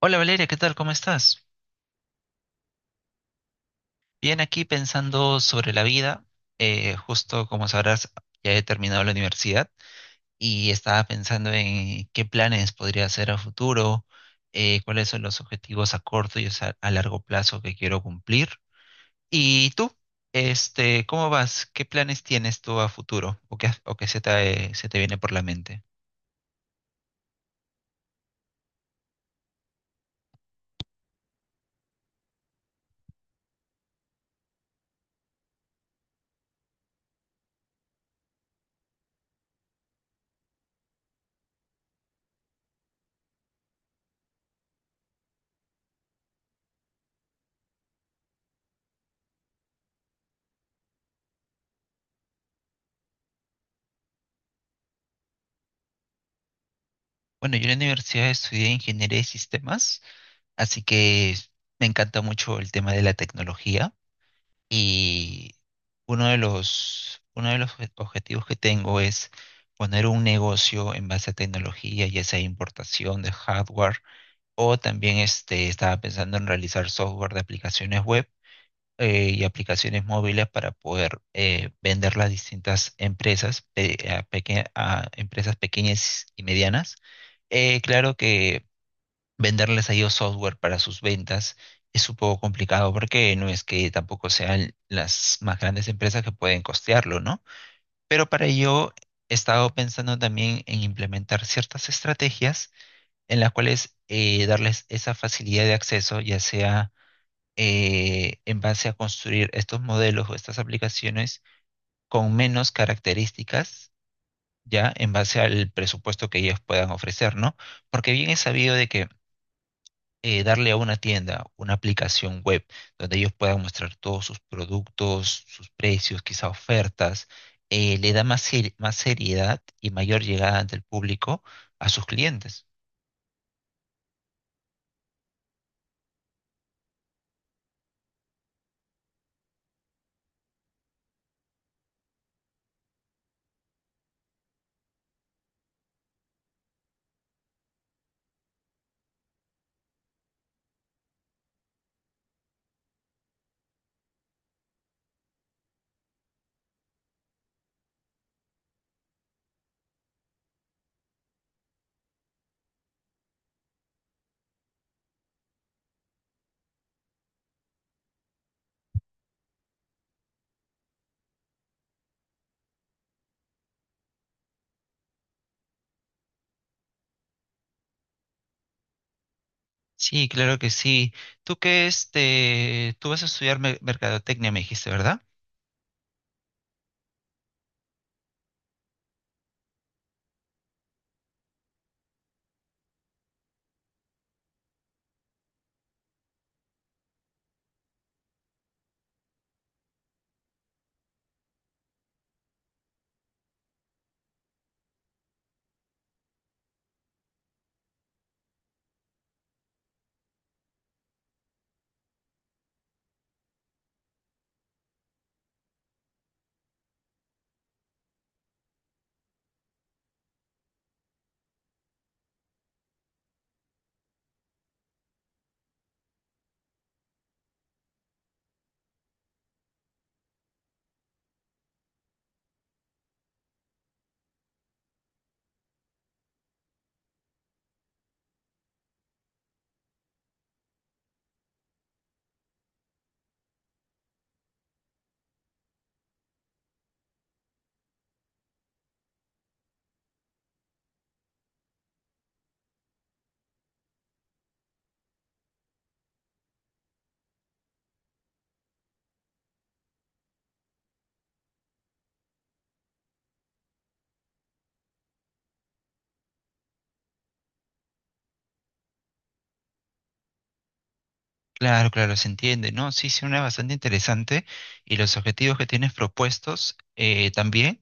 Hola Valeria, ¿qué tal? ¿Cómo estás? Bien, aquí pensando sobre la vida. Justo como sabrás, ya he terminado la universidad y estaba pensando en qué planes podría hacer a futuro, cuáles son los objetivos a corto y a largo plazo que quiero cumplir. ¿Y tú? Este, ¿cómo vas? ¿Qué planes tienes tú a futuro o qué se te viene por la mente? Bueno, yo en la universidad estudié ingeniería de sistemas, así que me encanta mucho el tema de la tecnología. Y uno de los obje- objetivos que tengo es poner un negocio en base a tecnología, ya sea importación de hardware, o también estaba pensando en realizar software de aplicaciones web y aplicaciones móviles para poder venderlas a distintas empresas, a empresas pequeñas y medianas. Claro que venderles a ellos software para sus ventas es un poco complicado porque no es que tampoco sean las más grandes empresas que pueden costearlo, ¿no? Pero para ello he estado pensando también en implementar ciertas estrategias en las cuales darles esa facilidad de acceso, ya sea en base a construir estos modelos o estas aplicaciones con menos características, ya en base al presupuesto que ellos puedan ofrecer, ¿no? Porque bien es sabido de que darle a una tienda una aplicación web donde ellos puedan mostrar todos sus productos, sus precios, quizá ofertas, le da más, más seriedad y mayor llegada ante el público a sus clientes. Sí, claro que sí. Tú vas a estudiar mercadotecnia, me dijiste, ¿verdad? Claro, claro, se entiende, ¿no? Sí, sí, una bastante interesante. Y los objetivos que tienes propuestos también.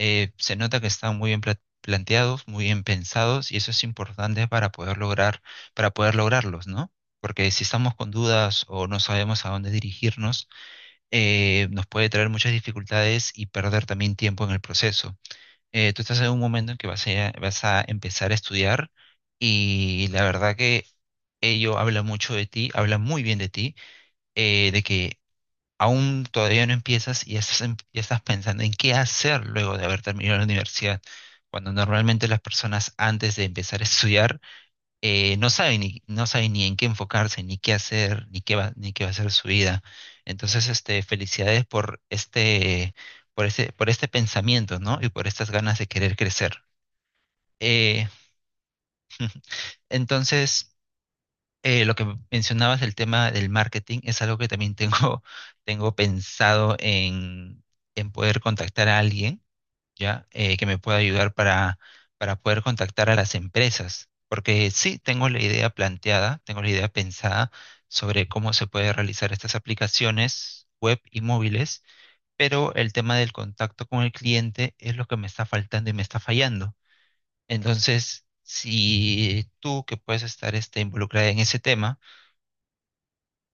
Se nota que están muy bien planteados, muy bien pensados, y eso es importante para poder lograr, para poder lograrlos, ¿no? Porque si estamos con dudas o no sabemos a dónde dirigirnos, nos puede traer muchas dificultades y perder también tiempo en el proceso. Tú estás en un momento en que vas a empezar a estudiar y la verdad que ello habla mucho de ti, habla muy bien de ti, de que aún todavía no empiezas y ya estás, ya estás pensando en qué hacer luego de haber terminado la universidad, cuando normalmente las personas antes de empezar a estudiar no saben ni en qué enfocarse, ni qué hacer, ni qué va a ser su vida. Entonces, felicidades por este pensamiento, ¿no? Y por estas ganas de querer crecer. Eh, entonces, lo que mencionabas del tema del marketing es algo que también tengo, tengo pensado en, poder contactar a alguien, ¿ya? Que me pueda ayudar para poder contactar a las empresas. Porque sí, tengo la idea planteada, tengo la idea pensada sobre cómo se puede realizar estas aplicaciones web y móviles, pero el tema del contacto con el cliente es lo que me está faltando y me está fallando. Entonces, si tú que puedes estar involucrada en ese tema,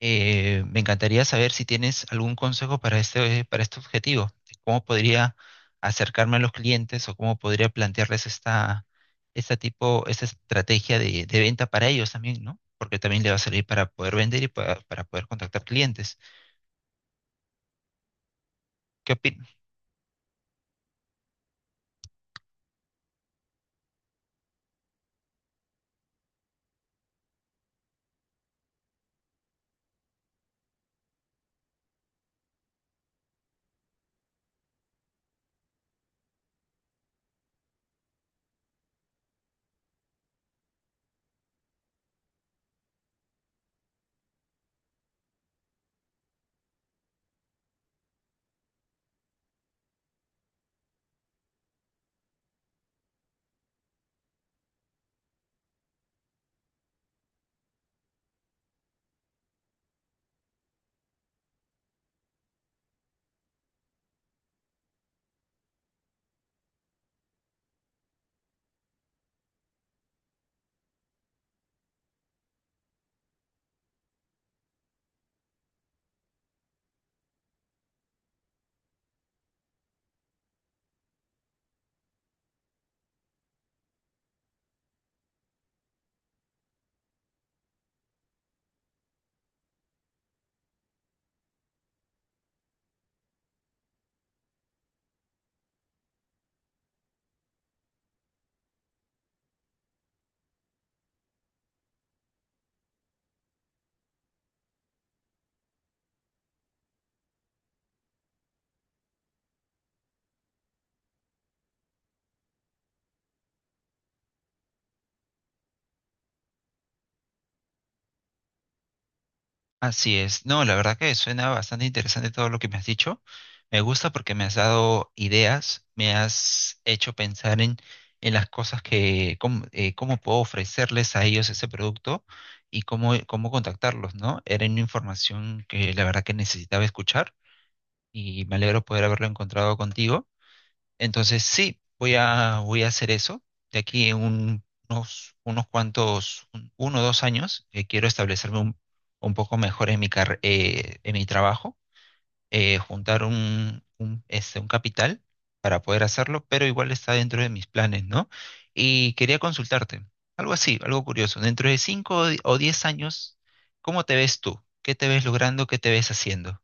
me encantaría saber si tienes algún consejo para este, objetivo, de cómo podría acercarme a los clientes o cómo podría plantearles esta estrategia de venta para ellos también, ¿no? Porque también le va a servir para poder vender y para poder contactar clientes. ¿Qué opi- Así es. No, la verdad que suena bastante interesante todo lo que me has dicho. Me gusta porque me has dado ideas, me has hecho pensar en las cosas cómo puedo ofrecerles a ellos ese producto y cómo, cómo contactarlos, ¿no? Era una información que la verdad que necesitaba escuchar y me alegro poder haberlo encontrado contigo. Entonces sí, voy a hacer eso. De aquí en unos cuantos, uno o 2 años, quiero establecerme un poco mejor en mi trabajo, juntar un capital para poder hacerlo, pero igual está dentro de mis planes, ¿no? Y quería consultarte, algo así, algo curioso. Dentro de cinco o 10 años, ¿cómo te ves tú? ¿Qué te ves logrando? ¿Qué te ves haciendo?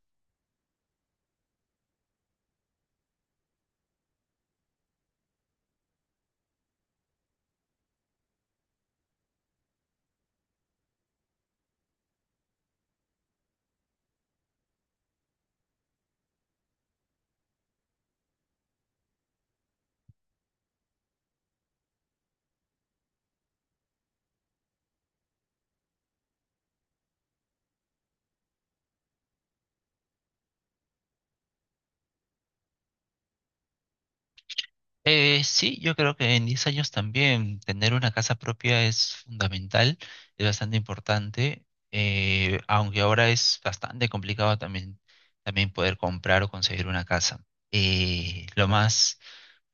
Sí, yo creo que en 10 años también tener una casa propia es fundamental, es bastante importante, aunque ahora es bastante complicado también, también poder comprar o conseguir una casa. Eh, lo más,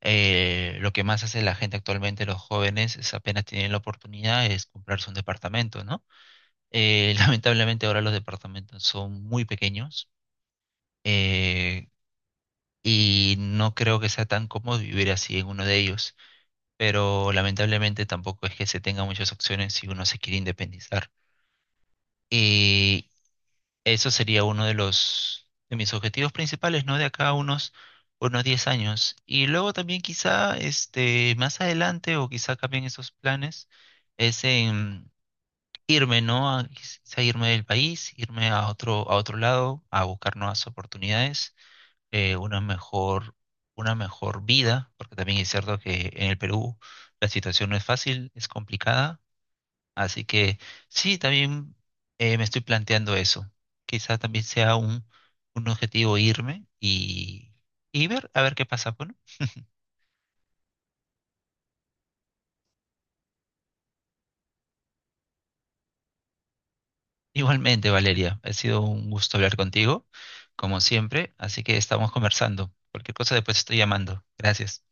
lo que más hace la gente actualmente, los jóvenes, es apenas tienen la oportunidad, es comprarse un departamento, ¿no? Lamentablemente ahora los departamentos son muy pequeños, eh, y no creo que sea tan cómodo vivir así en uno de ellos pero lamentablemente tampoco es que se tenga muchas opciones si uno se quiere independizar. Y eso sería uno de los de mis objetivos principales, ¿no? De acá a unos 10 años. Y luego también quizá este más adelante o quizá cambien esos planes es en irme, ¿no? A, quizá irme del país, irme a otro lado a buscar nuevas oportunidades eh, una mejor, una mejor vida, porque también es cierto que en el Perú la situación no es fácil, es complicada, así que sí, también me estoy planteando eso. Quizá también sea un objetivo irme y ver, a ver qué pasa. Bueno, igualmente, Valeria, ha sido un gusto hablar contigo, como siempre, así que estamos conversando. Cualquier cosa después estoy llamando. Gracias.